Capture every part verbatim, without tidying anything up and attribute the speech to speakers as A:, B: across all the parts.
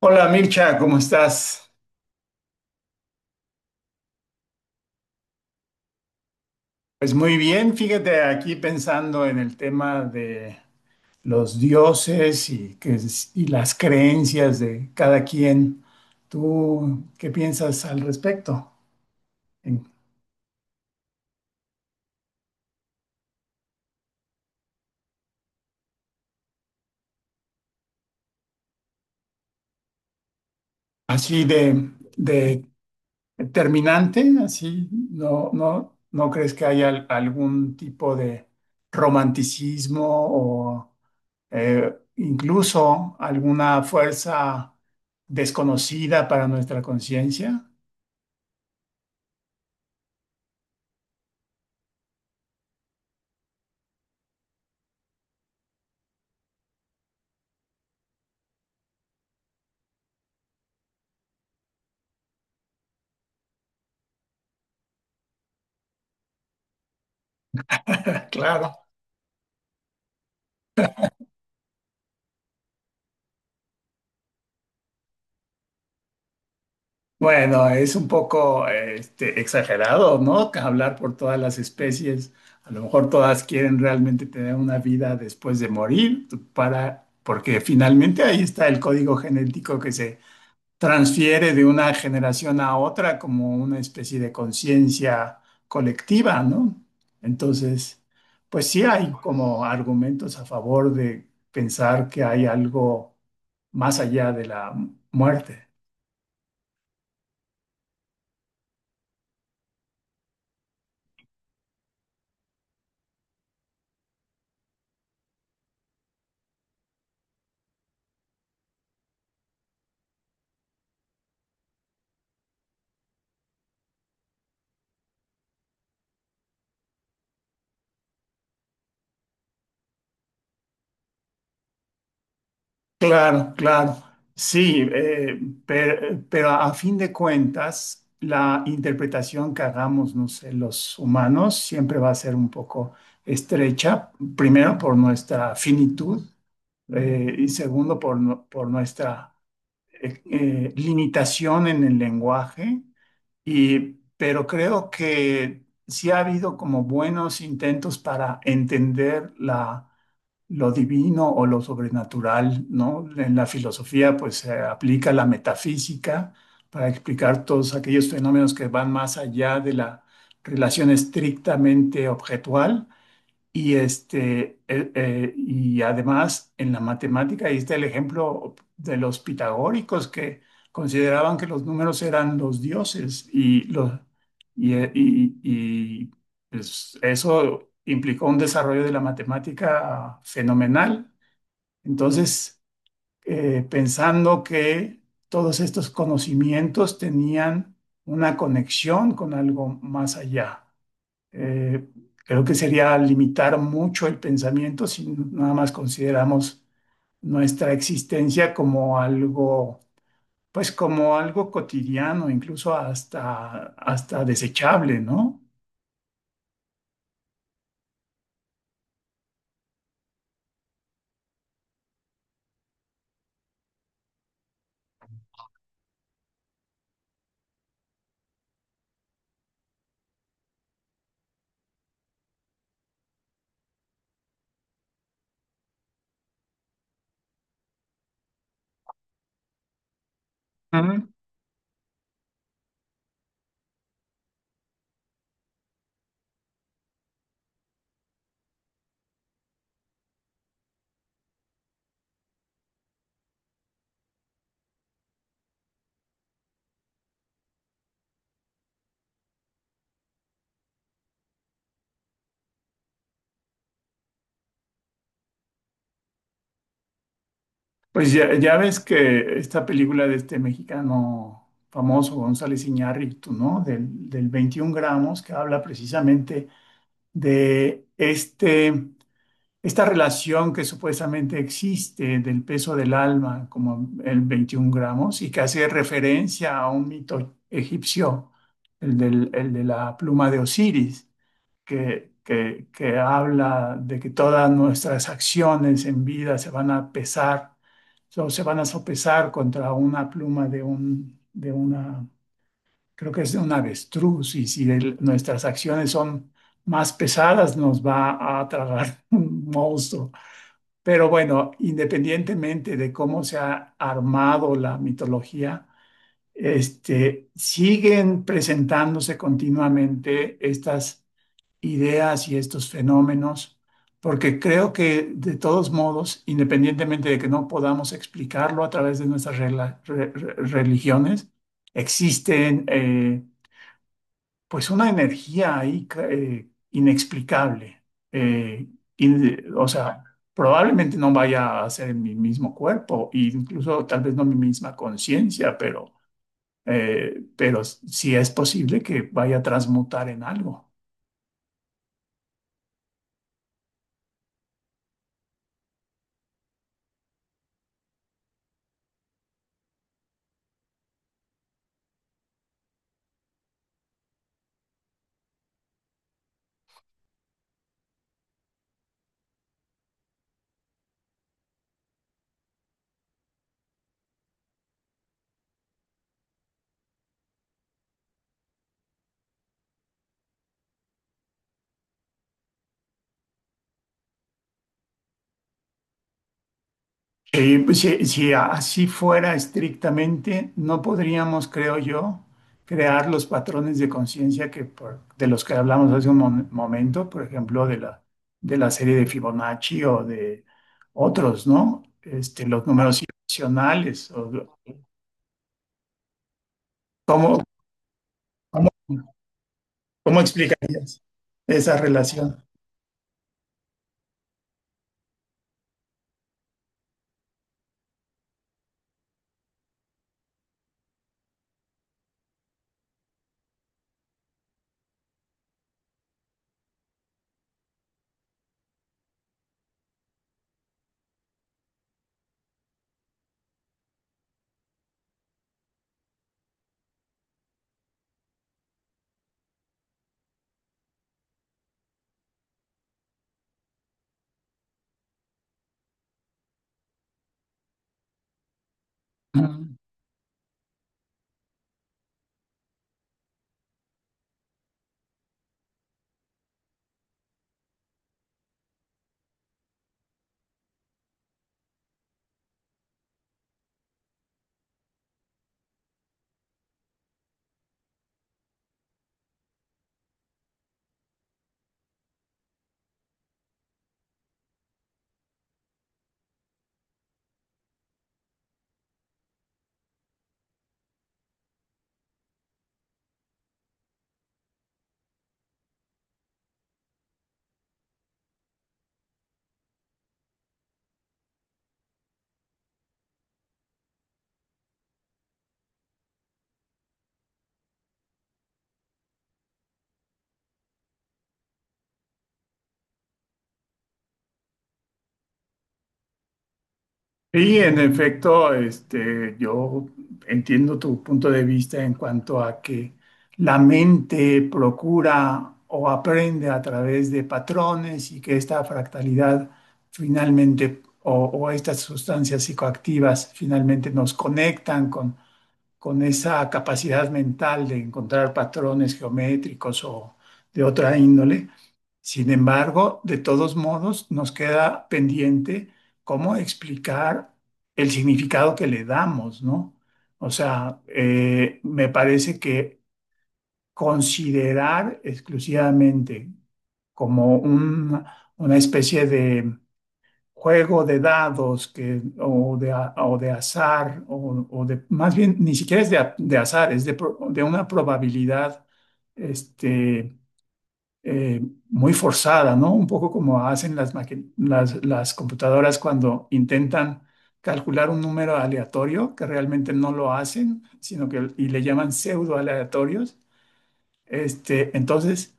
A: Hola Mircha, ¿cómo estás? Pues muy bien, fíjate aquí pensando en el tema de los dioses y, que, es- y las creencias de cada quien. ¿Tú qué piensas al respecto? En- Así de, de terminante, así, no, no, ¿no crees que haya al- algún tipo de romanticismo o eh, incluso alguna fuerza desconocida para nuestra conciencia? Claro. Bueno, es un poco este, exagerado, ¿no? Que hablar por todas las especies. A lo mejor todas quieren realmente tener una vida después de morir, para, porque finalmente ahí está el código genético que se transfiere de una generación a otra como una especie de conciencia colectiva, ¿no? Entonces, pues sí hay como argumentos a favor de pensar que hay algo más allá de la muerte. Claro, claro. Sí, eh, per- pero a fin de cuentas, la interpretación que hagamos, no sé, los humanos siempre va a ser un poco estrecha, primero por nuestra finitud eh, y segundo, por, nu- por nuestra eh, eh, limitación en el lenguaje. Y, pero creo que sí ha habido como buenos intentos para entender la, lo divino o lo sobrenatural, ¿no? En la filosofía, pues se aplica la metafísica para explicar todos aquellos fenómenos que van más allá de la relación estrictamente objetual y, este, eh, eh, y además en la matemática, ahí está el ejemplo de los pitagóricos que consideraban que los números eran los dioses y, los, y, eh, y- y, pues, eso implicó un desarrollo de la matemática fenomenal. Entonces, eh, pensando que todos estos conocimientos tenían una conexión con algo más allá. Eh, Creo que sería limitar mucho el pensamiento si nada más consideramos nuestra existencia como algo, pues como algo cotidiano, incluso hasta, hasta desechable, ¿no? Ujú. Pues ya, ya ves que esta película de este mexicano famoso, González Iñárritu, ¿no? Del, del veintiún gramos, que habla precisamente de este esta relación que supuestamente existe del peso del alma, como el veintiún gramos, y que hace referencia a un mito egipcio, el, del- el de la pluma de Osiris, que, que, que habla de que todas nuestras acciones en vida se van a pesar, o se van a sopesar contra una pluma de un, de una, creo que es de un avestruz, y si el- nuestras acciones son más pesadas, nos va a tragar un monstruo. Pero bueno, independientemente de cómo se ha armado la mitología, este, siguen presentándose continuamente estas ideas y estos fenómenos, porque creo que de todos modos, independientemente de que no podamos explicarlo a través de nuestras regla- re- re- religiones, existen eh, pues una energía ahí eh, inexplicable. eh, in- o sea, probablemente no vaya a ser en mi mismo cuerpo, e incluso tal vez no mi misma conciencia, pero, eh, pero sí es posible que vaya a transmutar en algo. Eh, pues, si, si así fuera estrictamente, no podríamos, creo yo, crear los patrones de conciencia que por- de los que hablamos hace un mom- momento, por ejemplo, de la, de la serie de Fibonacci o de otros, ¿no? Este, los números irracionales. O- ¿cómo, cómo, cómo explicarías esa relación? Sí, en efecto, este, yo entiendo tu punto de vista en cuanto a que la mente procura o aprende a través de patrones y que esta fractalidad finalmente o, o estas sustancias psicoactivas finalmente nos conectan con, con esa capacidad mental de encontrar patrones geométricos o de otra índole. Sin embargo, de todos modos, nos queda pendiente cómo explicar el significado que le damos, ¿no? O sea, eh, me parece que considerar exclusivamente como un- una especie de juego de dados que, o, de, a- o de azar, o, o de, más bien, ni siquiera es de, a- de azar, es de, pro- de una probabilidad este, eh, muy forzada, ¿no? Un poco como hacen las, maqui- las, las computadoras cuando intentan calcular un número aleatorio, que realmente no lo hacen, sino que y le llaman pseudo aleatorios. Este, entonces,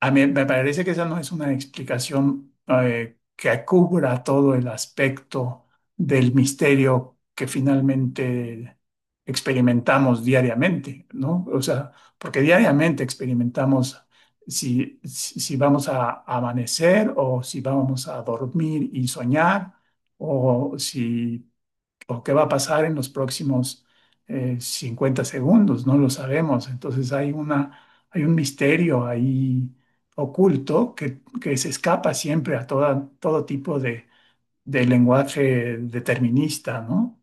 A: a mí me parece que esa no es una explicación eh, que cubra todo el aspecto del misterio que finalmente experimentamos diariamente, ¿no? O sea, porque diariamente experimentamos si, si si vamos a amanecer o si vamos a dormir y soñar o si o qué va a pasar en los próximos eh, cincuenta segundos, no lo sabemos. Entonces hay una, hay un misterio ahí oculto que, que se escapa siempre a toda, todo tipo de, de lenguaje determinista, ¿no?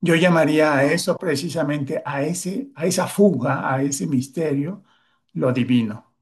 A: Yo llamaría a claro. Eso precisamente, a ese, a esa fuga, a ese misterio, lo divino.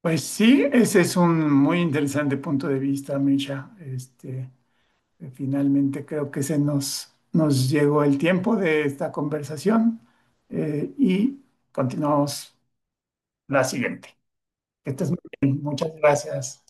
A: Pues sí, ese es un muy interesante punto de vista, Misha. Este, Eh, Finalmente creo que se nos, nos llegó el tiempo de esta conversación eh, y continuamos la siguiente. Que estés muy bien. Muchas gracias.